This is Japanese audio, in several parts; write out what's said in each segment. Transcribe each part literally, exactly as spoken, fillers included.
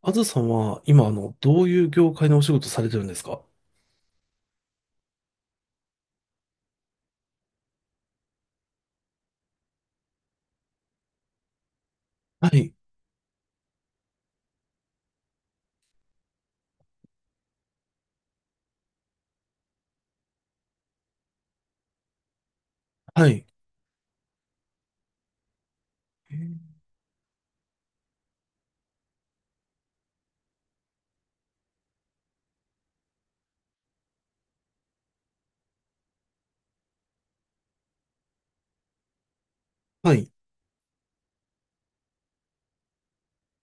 あずさんは、今、あの、どういう業界のお仕事されてるんですか？はい、はい、えーはい。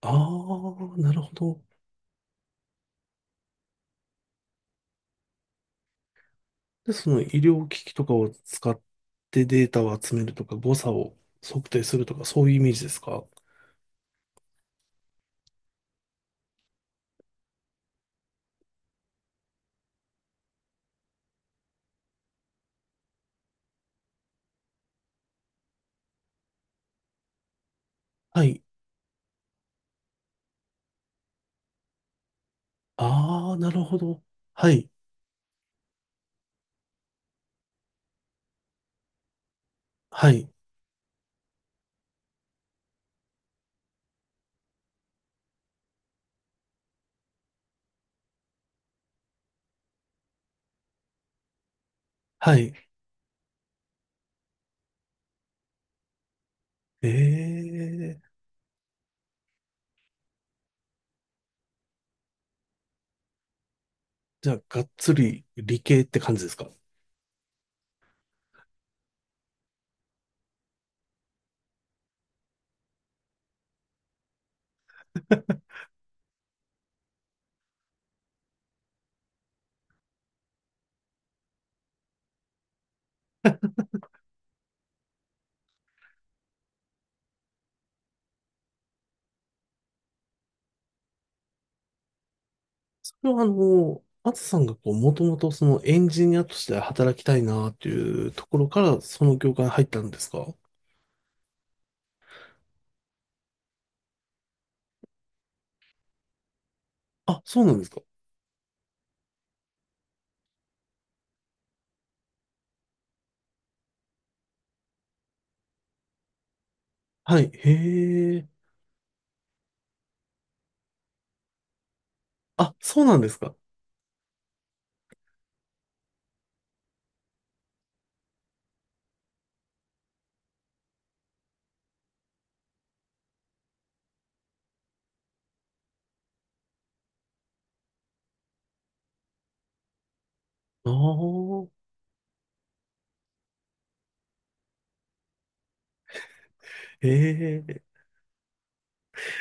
ああ、なるほど。で、その医療機器とかを使ってデータを集めるとか、誤差を測定するとか、そういうイメージですか？はい。ああ、なるほど。はい、はい、はい。ええ、じゃあ、がっつり理系って感じですか？ それはあの、あずさんがこう、もともとそのエンジニアとして働きたいなっていうところから、その業界に入ったんですか？あ、そうなんですか？はい、へえ。あ、そうなんですか？ああ、へえ。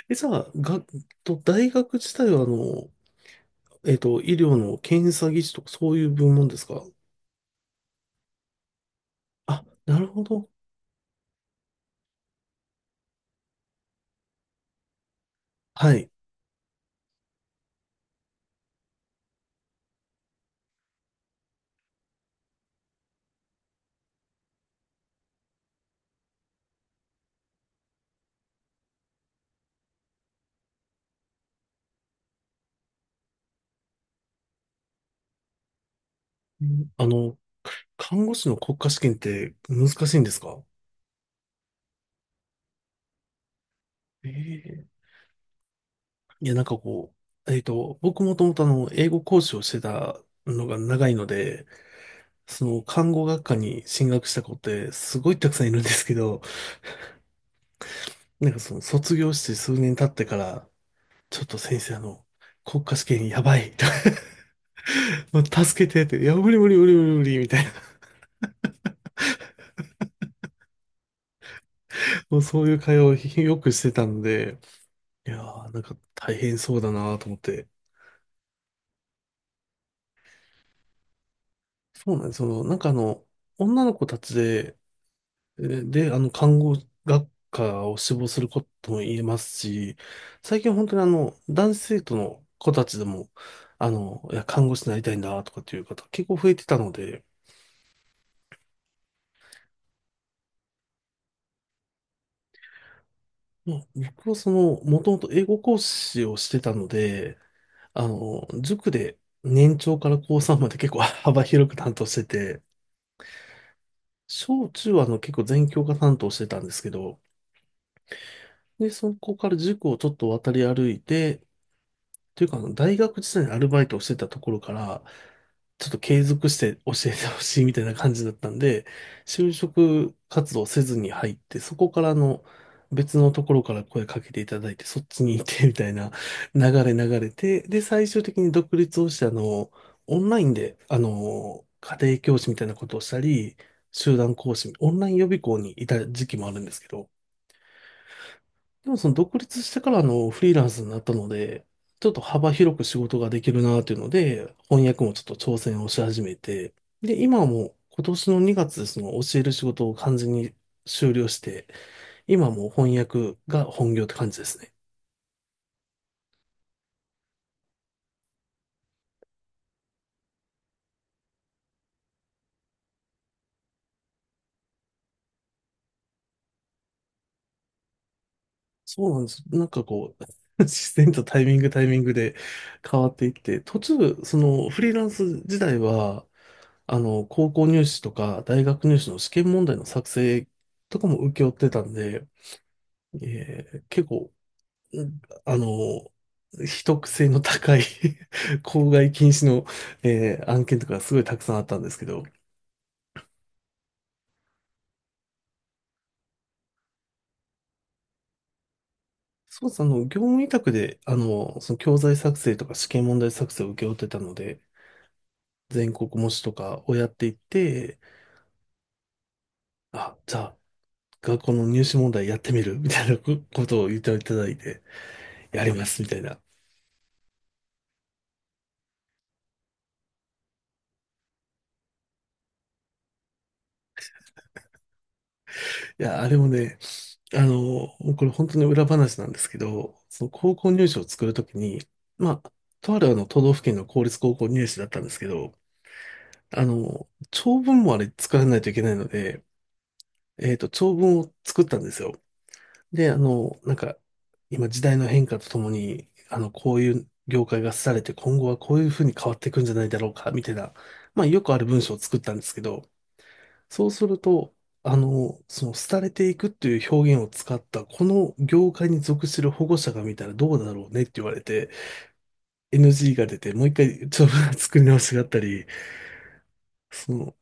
え、じゃあ、が、と、大学自体はあの、えっと、医療の検査技師とかそういう部門ですか？あ、なるほど。はい。うん、あの、看護師の国家試験って難しいんですか？ええ、いや、なんかこう、えっと、僕もともとあの、英語講師をしてたのが長いので、その、看護学科に進学した子ってすごいたくさんいるんですけど、なんかその、卒業して数年経ってから、ちょっと先生、あの、国家試験やばいと もう助けてって、いや、無理無理無理無理無理みたいな、もうそういう会話をよくしてたので、いやー、なんか大変そうだなと思って。そうなんです。その、なんかあの、女の子たちで、で、で、あの、看護学科を志望することも言えますし、最近本当にあの、男子生徒の子たちでも、あの、いや、看護師になりたいんだとかっていう方結構増えてたので、まあ、僕はその、もともと英語講師をしてたので、あの、塾で年長から高さんまで結構 幅広く担当してて、小中はあの結構全教科担当してたんですけど、で、そこから塾をちょっと渡り歩いて、というか、あの大学時代にアルバイトをしてたところから、ちょっと継続して教えてほしいみたいな感じだったんで、就職活動せずに入って、そこからあの別のところから声かけていただいて、そっちに行ってみたいな流れ流れて、で、最終的に独立をして、あの、オンラインで、あの、家庭教師みたいなことをしたり、集団講師、オンライン予備校にいた時期もあるんですけど、でもその独立してからあのフリーランスになったので、ちょっと幅広く仕事ができるなというので、翻訳もちょっと挑戦をし始めて、で、今はもう今年のにがつでその教える仕事を完全に終了して、今はもう翻訳が本業って感じですね。そうなんです。なんかこう、自然とタイミングタイミングで変わっていって、途中、そのフリーランス時代は、あの、高校入試とか大学入試の試験問題の作成とかも請け負ってたんで、ええ結構、うん、あの、秘匿性の高い 公害禁止の、えー案件とかすごいたくさんあったんですけど、そうです、あの、業務委託で、あの、その教材作成とか試験問題作成を請け負ってたので、全国模試とかをやっていって、あ、じゃあ、学校の入試問題やってみるみたいなこことを言っていただいて、やりますみたいな。いや、あれもね、あの、もうこれ本当に裏話なんですけど、その高校入試を作るときに、まあ、とあるあの都道府県の公立高校入試だったんですけど、あの、長文もあれ作らないといけないので、えっと、長文を作ったんですよ。で、あの、なんか、今時代の変化とともに、あの、こういう業界が廃れて今後はこういうふうに変わっていくんじゃないだろうか、みたいな、まあ、よくある文章を作ったんですけど、そうすると、あの、その、廃れていくっていう表現を使った、この業界に属する保護者が見たらどうだろうねって言われて、エヌジー が出て、もう一回、ちょっと 作り直しがあったり、その、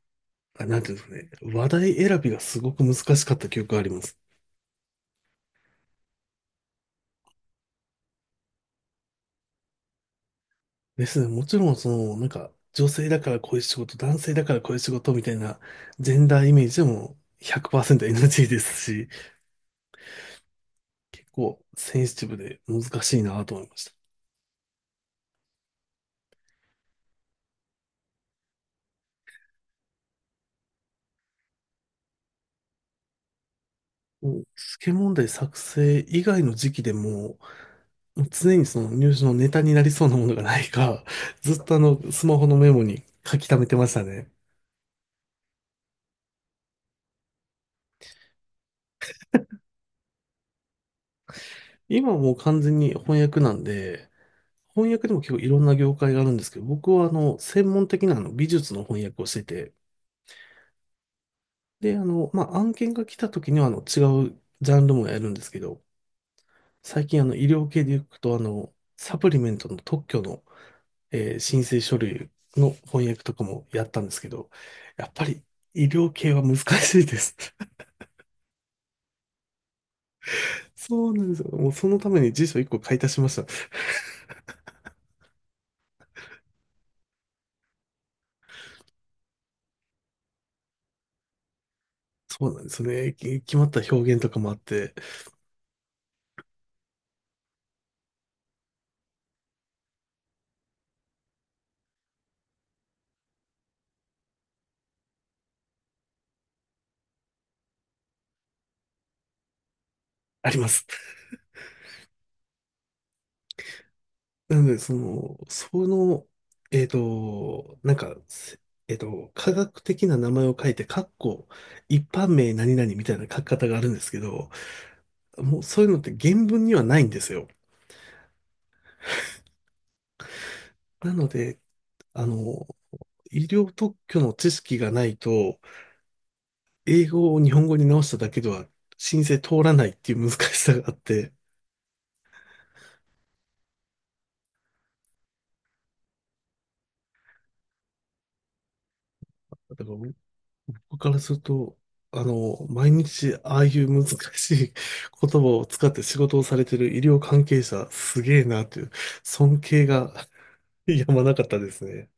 あ、なんていうんですかね、話題選びがすごく難しかった記憶があります。ですね、もちろん、その、なんか、女性だからこういう仕事、男性だからこういう仕事みたいな、ジェンダーイメージでも ひゃくパーセントエヌジー ですし、結構センシティブで難しいなと思いました。もう、試験問題作成以外の時期でも、常にその入試のネタになりそうなものがないか、ずっとあの、スマホのメモに書き溜めてましたね。今はもう完全に翻訳なんで、翻訳でも結構いろんな業界があるんですけど、僕はあの、専門的なあの美術の翻訳をしてて、で、あの、まあ、案件が来た時にはあの、違うジャンルもやるんですけど、最近あの、医療系で行くとあの、サプリメントの特許のえー申請書類の翻訳とかもやったんですけど、やっぱり医療系は難しいです。そうなんですよ。もうそのために辞書いっこ買い足しました。そうなんですよね。き決まった表現とかもあって、あります。なので、その、その、えっと、なんか、せえっと、科学的な名前を書いて、かっこ、一般名何々みたいな書き方があるんですけど、もうそういうのって原文にはないんですよ。なので、あの、医療特許の知識がないと、英語を日本語に直しただけでは申請通らないっていう難しさがあって、だから僕からすると、あの、毎日ああいう難しい言葉を使って仕事をされてる医療関係者、すげえなという尊敬が やまなかったですね。